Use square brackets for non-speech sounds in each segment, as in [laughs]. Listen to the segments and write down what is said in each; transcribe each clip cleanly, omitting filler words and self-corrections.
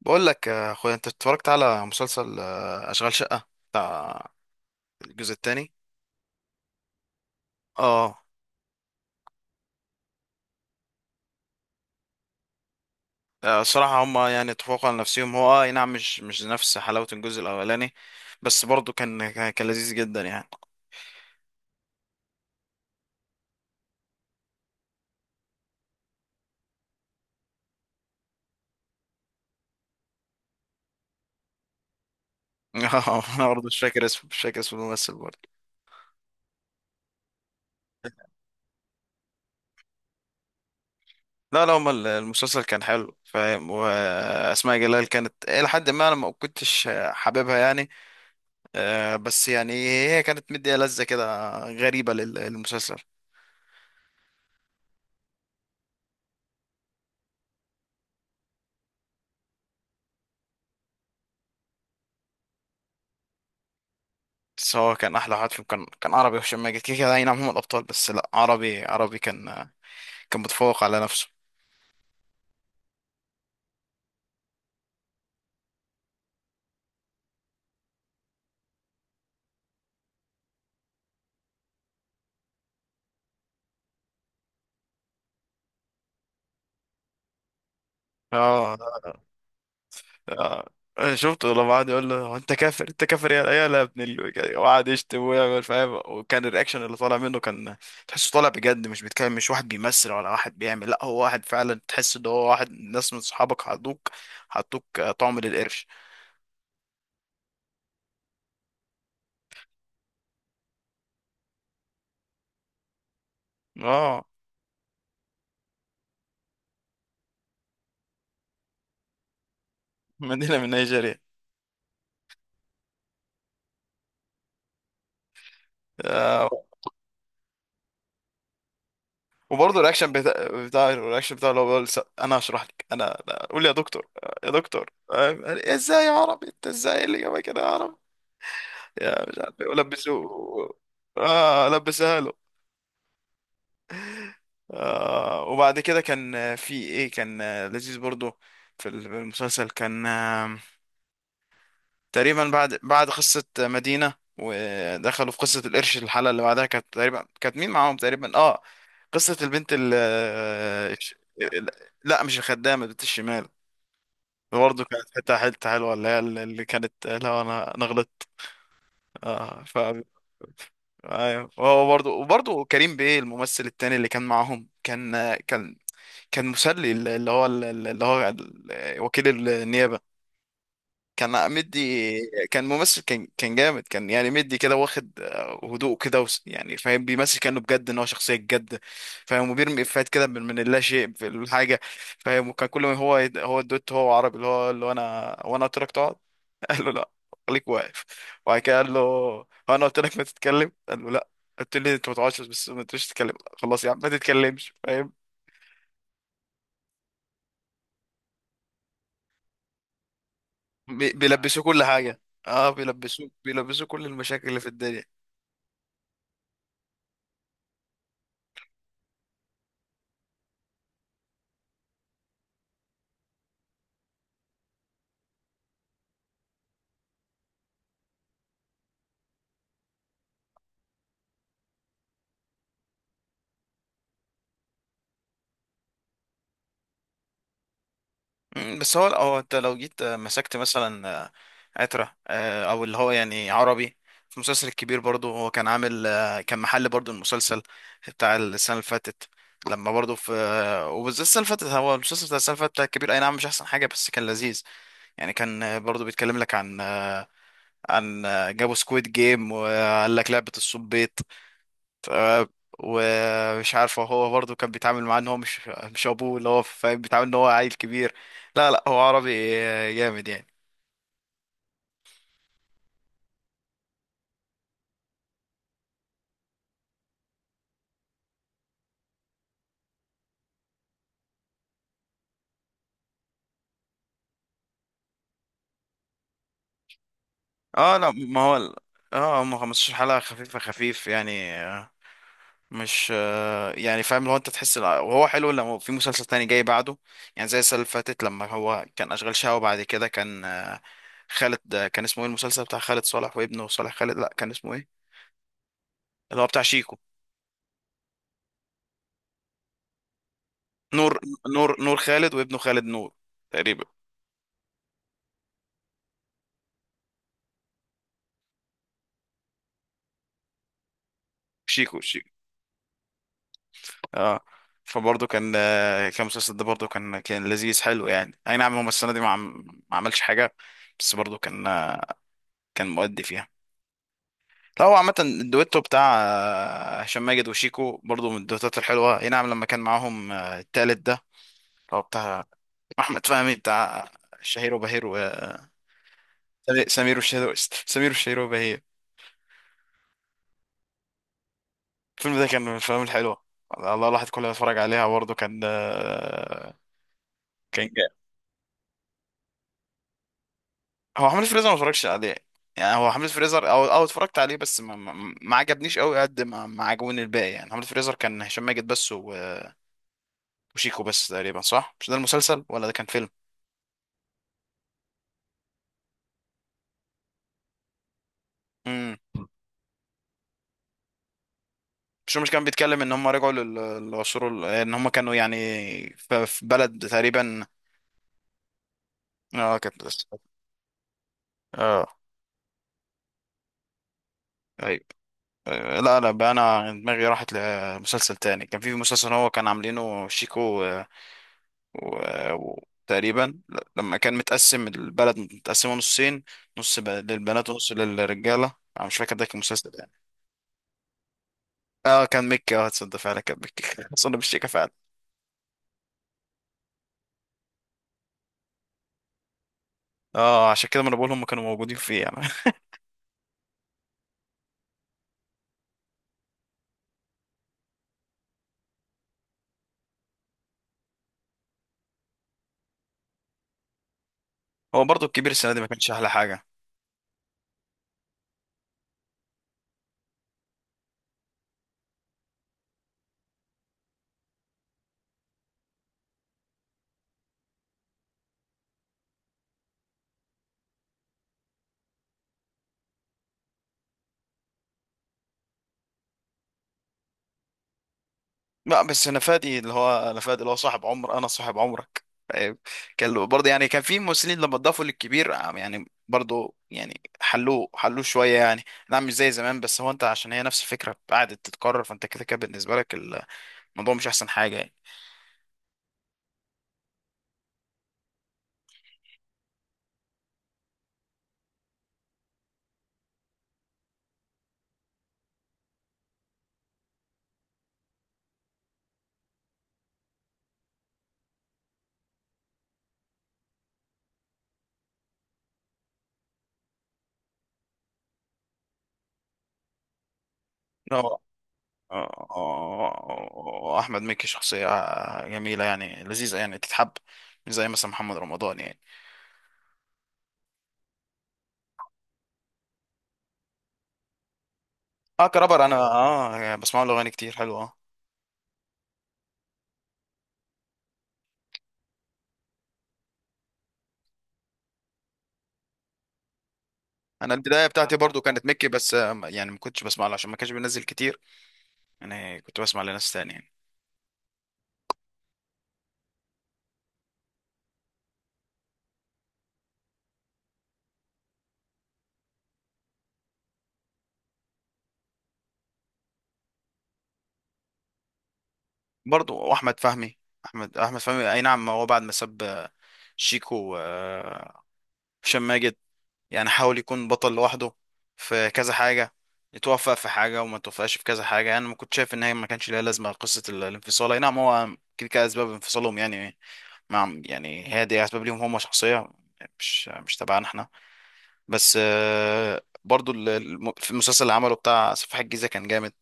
بقول لك يا اخويا انت اتفرجت على مسلسل اشغال شقة بتاع الجزء الثاني. اه. الصراحة هما يعني اتفقوا على نفسهم، هو أي نعم، مش نفس حلاوة الجزء الاولاني. بس برضه كان لذيذ جدا يعني. [laughs] اه، انا برضه مش فاكر اسمه، مش فاكر اسم الممثل برضه. لا، لا، هما المسلسل كان حلو فاهم. واسماء جلال كانت الى حد ما انا ما كنتش حاببها يعني. بس يعني هي كانت مدية لذة كده غريبة للمسلسل. بس هو كان احلى واحد فيهم، كان عربي وهشام ماجد، كده كده، اي نعم هم الابطال. بس لا، عربي عربي كان متفوق على نفسه. اه. آه. شفته لما قعد يقول له "هو انت كافر انت كافر يا لا ابن ال-" وقعد يشتم ويعمل فاهم، وكان الرياكشن اللي طالع منه كان تحسه طالع بجد، مش بيتكلم، مش واحد بيمثل ولا واحد بيعمل. لا، هو واحد فعلا تحس ان هو واحد ناس من صحابك حطوك طعم للقرش. اه، مدينة من نيجيريا. وبرضه الرياكشن بتاع الرياكشن بتاعه اللي هو بيقول انا هشرح لك، انا قول لي يا دكتور، يا دكتور، فاهم؟ يعني ازاي يا عربي؟ انت ازاي اللي جابك كده يا عربي؟ يا مش عارف ايه، ولبسوه. اه، لبسها له. وبعد كده كان في ايه؟ كان لذيذ برضه في المسلسل. كان تقريبا بعد قصة مدينة ودخلوا في قصة القرش. الحلقة اللي بعدها كانت تقريبا، كانت مين معاهم؟ تقريبا اه، قصة البنت ال-. لا، مش الخدامة، بنت الشمال. برضه كانت حتة حتة حلوة اللي هي اللي كانت. لا، أنا غلطت. آه ف أيوة. وهو برضه كريم بيه، الممثل التاني اللي كان معاهم، كان كان مسلي، اللي هو وكيل النيابة. كان مدي، كان ممثل، كان جامد، كان يعني مدي كده، واخد هدوء كده. يعني فاهم، بيمثل كأنه بجد إن هو شخصية بجد، فاهم. وبيرمي إفيهات كده من اللا شيء في الحاجة، فاهم. وكان كل ما هو هو الدوت، هو عربي، اللي هو أنا، وأنا قلت لك تقعد، قال له لا، خليك واقف. وبعد كده قال له: هو انا قلت لك ما تتكلم؟ قال له لا، قلت لي انت ما تقعدش، بس ما تقولش تتكلم. خلاص يا عم، ما تتكلمش، فاهم. بيلبسوه كل حاجه. اه، بيلبسوه كل المشاكل اللي في الدنيا. بس هو انت لو جيت مسكت مثلا عترة، او اللي هو يعني عربي في المسلسل الكبير، برضه هو كان عامل كان محل برضه المسلسل بتاع السنه اللي فاتت. لما برضه في وبالذات السنه اللي فاتت، هو المسلسل بتاع السنه اللي فاتت بتاع الكبير، اي نعم مش احسن حاجه، بس كان لذيذ يعني. كان برضو بيتكلم لك عن عن جابوا سكويد جيم وقال لك لعبة الصبيط. ومش عارفه، هو برضو كان بيتعامل معاه ان هو مش ابوه، اللي هو فاهم، بيتعامل ان هو عيل كبير. لا، لا، هو عربي جامد يعني. اه، لا، ما هو هم 15 حلقة خفيفة، خفيف يعني. مش يعني فاهم، لو انت تحس وهو حلو لما في مسلسل تاني جاي بعده. يعني زي السنة اللي فاتت، لما هو كان أشغال شقة، وبعد كده كان خالد، كان اسمه ايه المسلسل بتاع خالد صالح وابنه؟ صالح خالد؟ لا، كان اسمه ايه؟ اللي هو بتاع شيكو. نور نور خالد وابنه خالد نور، تقريبا. شيكو شيكو. اه، فبرضه كان كان المسلسل ده برضه كان لذيذ حلو يعني. اي نعم، هو السنة دي ما عملش حاجة. بس برضه كان مؤدي فيها. لا، هو عامة الدويتو بتاع هشام ماجد وشيكو برضو من الدويتات الحلوة. اي نعم، لما كان معاهم التالت ده اللي هو بتاع أحمد فهمي، بتاع شهير وبهير سمير وشهير سمير وشهير وبهير. الفيلم ده كان من الأفلام الحلوة. الله، الواحد كله يتفرج عليها. برضه كان جاي. هو حملة فريزر ما اتفرجش عليه. يعني هو حملة فريزر، او اتفرجت عليه، بس ما عجبنيش قوي قد ما عجبوني الباقي يعني. حملة فريزر كان هشام ماجد بس وشيكو بس تقريبا، صح؟ مش ده المسلسل، ولا ده كان فيلم؟ مش كان بيتكلم ان هم رجعوا للعصور ان هم كانوا يعني في بلد تقريبا. اه، كانت. اه. ايوه. أيوة. لا، لا بقى، انا دماغي راحت لمسلسل تاني. كان في مسلسل هو كان عاملينه شيكو و... تقريبا، لما كان متقسم البلد، متقسمه نصين، نص للبنات ونص للرجاله. انا مش فاكر ده كان مسلسل يعني. اه، كان مكي. اه، تصدق فعلا كان مكي [laughs] اصلا بالشيكه فعلا. اه، عشان كده ما انا بقول هم كانوا موجودين فيه يعني. [laughs] هو برضو الكبير السنه دي ما كانش احلى حاجه. لا بس، انا فادي اللي هو صاحب عمر، انا صاحب عمرك فاهم؟ برضه يعني كان في ممثلين لما اتضافوا للكبير يعني برضه يعني حلوه، حلوه شويه يعني. نعم، مش زي زمان. بس هو انت عشان هي نفس الفكره قعدت تتكرر، فانت كده كده بالنسبه لك الموضوع مش احسن حاجه يعني. هو احمد مكي شخصيه جميله يعني، لذيذه يعني، تتحب. مش زي مثلا محمد رمضان يعني. اه، كرابر انا بسمع له اغاني كتير حلوه. انا البدايه بتاعتي برضو كانت ميكي، بس يعني ما كنتش بسمع له عشان ما كانش بينزل كتير. انا كنت بسمع لناس تانية يعني. برضو واحمد فهمي. احمد فهمي، اي نعم هو بعد ما ساب شيكو وهشام ماجد، يعني حاول يكون بطل لوحده في كذا حاجه. يتوفق في حاجه وما توفقش في كذا حاجه. انا ما كنت شايف ان هي ما كانش ليها لازمه، قصه الانفصال. اي نعم، هو كده كده اسباب انفصالهم يعني، مع يعني، هي دي اسباب ليهم هم شخصيه، مش تبعنا احنا. بس برضو في المسلسل اللي عمله بتاع سفاح الجيزة كان جامد.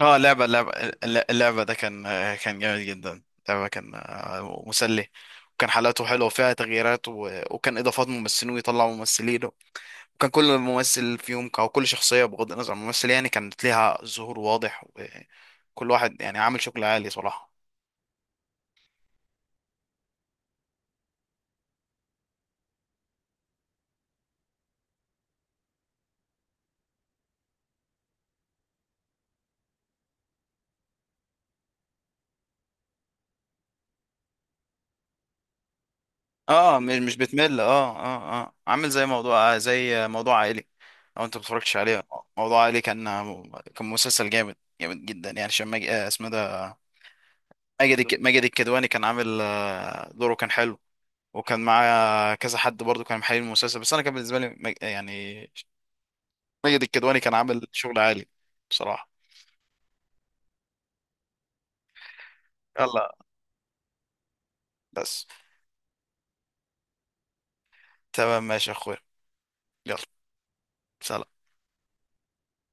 اه، اللعبة ده كان جامد جدا. اللعبة كان مسلي، وكان حلقاته حلوة وفيها تغييرات وكان إضافات ممثلين ويطلعوا ممثلين. وكان كل ممثل فيهم، أو كل شخصية بغض النظر عن الممثل، يعني كانت ليها ظهور واضح. وكل واحد يعني عامل شغل عالي صراحة. اه، مش بتمل. اه عامل زي موضوع عائلي، لو انت متفرجتش عليه. موضوع عائلي، كان مسلسل جامد، جامد جدا يعني. عشان ماجد اسمه ده، ماجد الكدواني كان عامل دوره كان حلو. وكان معاه كذا حد برضو، كان محلل المسلسل، بس انا كان بالنسبه لي يعني ماجد الكدواني كان عامل شغل عالي بصراحه. يلا، بس. تمام، ماشي يا اخويا. يلا، سلام.